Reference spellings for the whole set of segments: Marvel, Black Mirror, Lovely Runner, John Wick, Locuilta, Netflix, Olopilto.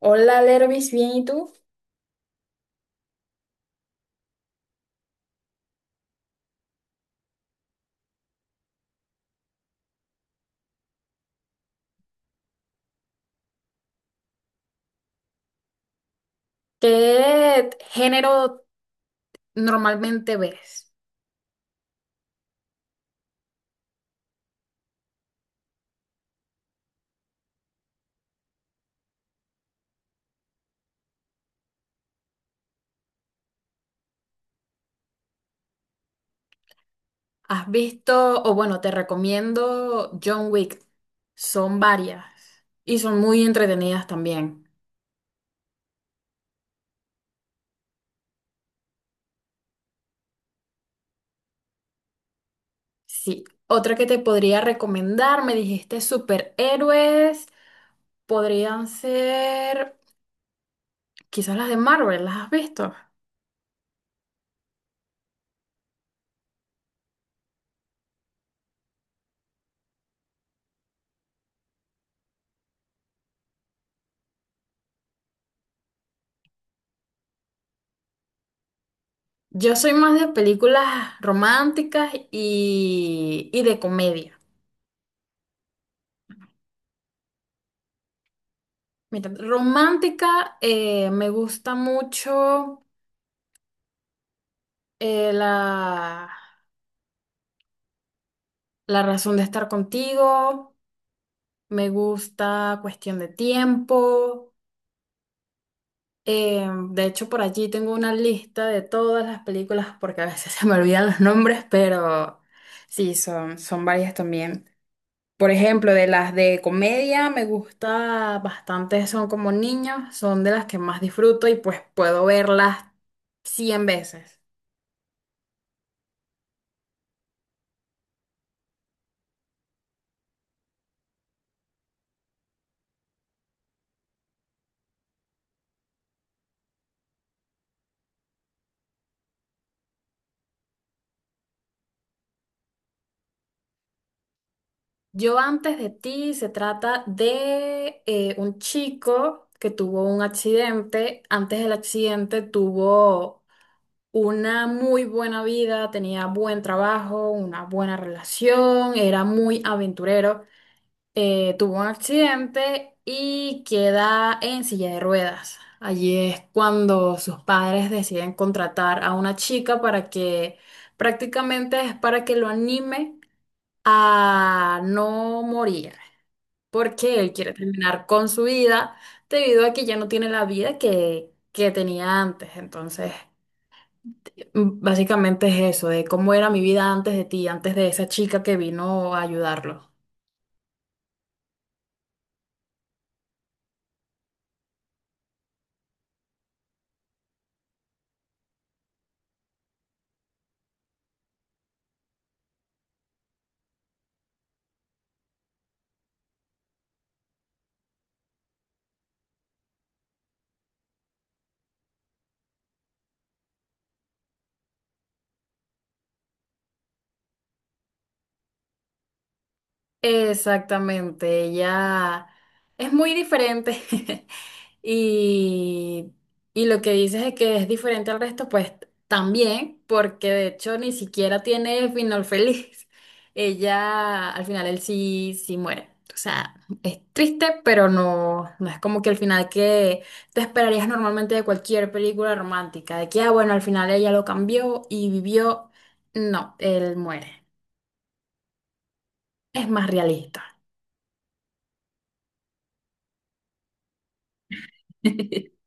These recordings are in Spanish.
Hola, Lervis, bien, ¿y tú? ¿Qué género normalmente ves? ¿Has visto, o bueno, te recomiendo John Wick? Son varias y son muy entretenidas también. Sí, otra que te podría recomendar, me dijiste superhéroes, podrían ser quizás las de Marvel, ¿las has visto? Yo soy más de películas románticas y de comedia. Mira, romántica, me gusta mucho la, la razón de estar contigo, me gusta cuestión de tiempo. De hecho, por allí tengo una lista de todas las películas porque a veces se me olvidan los nombres, pero sí, son, son varias también. Por ejemplo, de las de comedia me gusta bastante, son como niños, son de las que más disfruto y pues puedo verlas 100 veces. Yo antes de ti se trata de un chico que tuvo un accidente. Antes del accidente tuvo una muy buena vida, tenía buen trabajo, una buena relación, era muy aventurero. Tuvo un accidente y queda en silla de ruedas. Allí es cuando sus padres deciden contratar a una chica para que prácticamente es para que lo anime a no morir porque él quiere terminar con su vida debido a que ya no tiene la vida que tenía antes. Entonces, básicamente es eso, de cómo era mi vida antes de ti, antes de esa chica que vino a ayudarlo. Exactamente, ella es muy diferente y, y lo que dices es que es diferente al resto, pues también, porque de hecho ni siquiera tiene final feliz. Ella al final él sí, sí muere. O sea, es triste, pero no, no es como que el final que te esperarías normalmente de cualquier película romántica, de que, ah, bueno, al final ella lo cambió y vivió. No, él muere. Es más realista.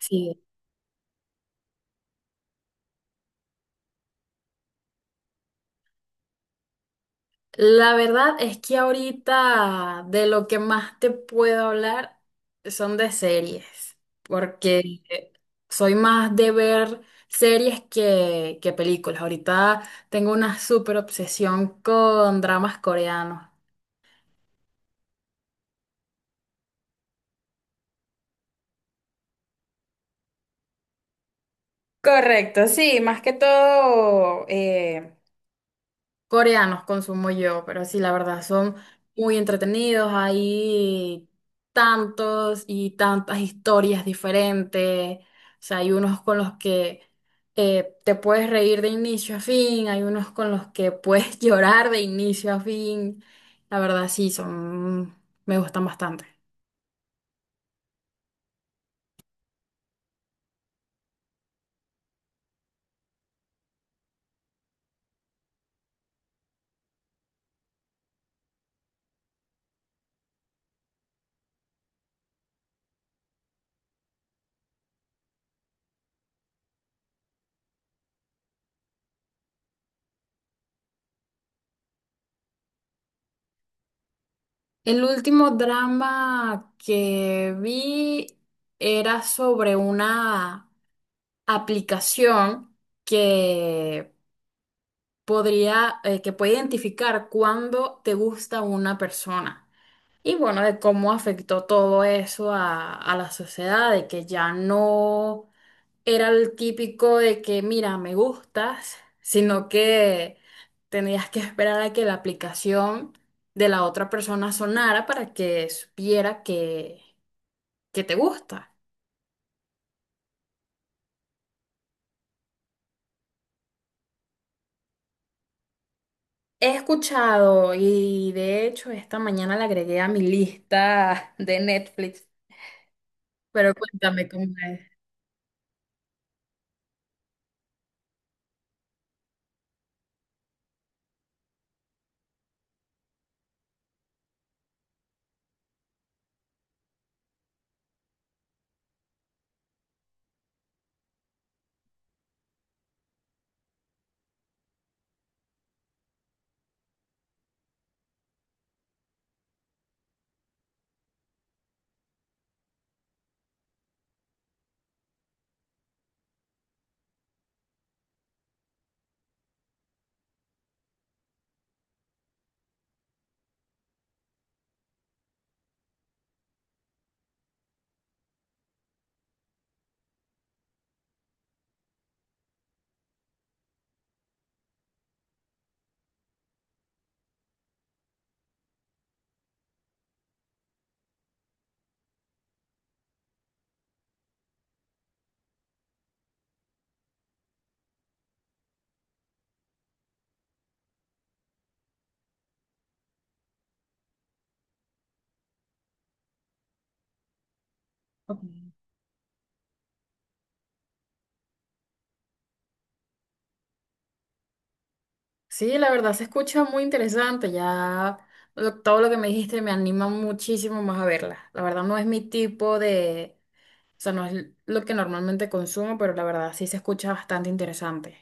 Sí, la verdad es que ahorita de lo que más te puedo hablar son de series, porque soy más de ver series que películas. Ahorita tengo una súper obsesión con dramas coreanos. Correcto, sí, más que todo coreanos consumo yo, pero sí, la verdad, son muy entretenidos. Hay tantos y tantas historias diferentes. O sea, hay unos con los que te puedes reír de inicio a fin, hay unos con los que puedes llorar de inicio a fin. La verdad, sí, son, me gustan bastante. El último drama que vi era sobre una aplicación que podría, que puede identificar cuándo te gusta una persona. Y bueno, de cómo afectó todo eso a la sociedad, de que ya no era el típico de que, mira, me gustas, sino que tenías que esperar a que la aplicación de la otra persona sonara para que supiera que te gusta. He escuchado y de hecho esta mañana la agregué a mi lista de Netflix, pero cuéntame cómo es. Ok. Sí, la verdad se escucha muy interesante. Ya todo lo que me dijiste me anima muchísimo más a verla. La verdad no es mi tipo de, o sea, no es lo que normalmente consumo, pero la verdad sí se escucha bastante interesante.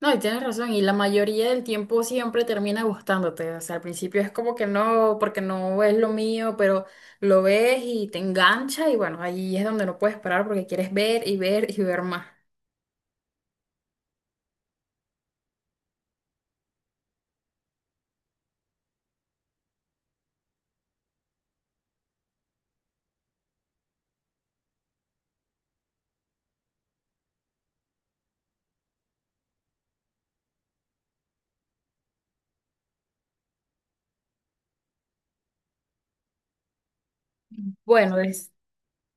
No, y tienes razón, y la mayoría del tiempo siempre termina gustándote. O sea, al principio es como que no, porque no es lo mío, pero lo ves y te engancha y bueno, ahí es donde no puedes parar porque quieres ver y ver y ver más. Bueno,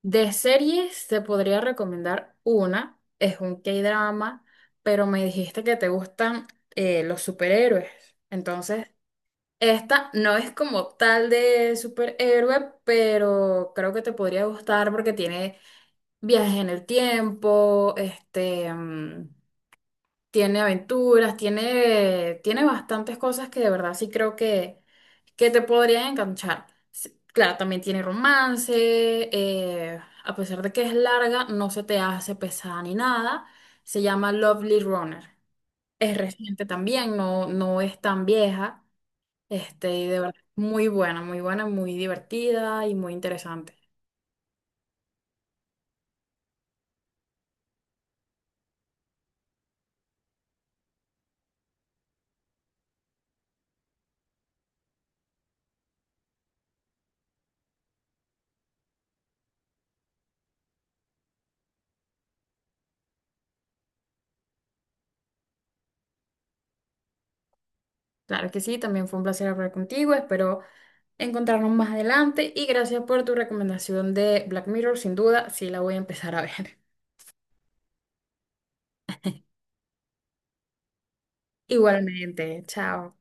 de series te podría recomendar una, es un K-drama, pero me dijiste que te gustan los superhéroes. Entonces, esta no es como tal de superhéroe, pero creo que te podría gustar porque tiene viajes en el tiempo, este, tiene aventuras, tiene, tiene bastantes cosas que de verdad sí creo que te podrían enganchar. Sí, claro, también tiene romance, a pesar de que es larga, no se te hace pesada ni nada. Se llama Lovely Runner. Es reciente también, no, no es tan vieja. Este, y de verdad, muy buena, muy buena, muy divertida y muy interesante. Claro que sí, también fue un placer hablar contigo. Espero encontrarnos más adelante y gracias por tu recomendación de Black Mirror, sin duda, sí la voy a empezar a ver. Igualmente, chao.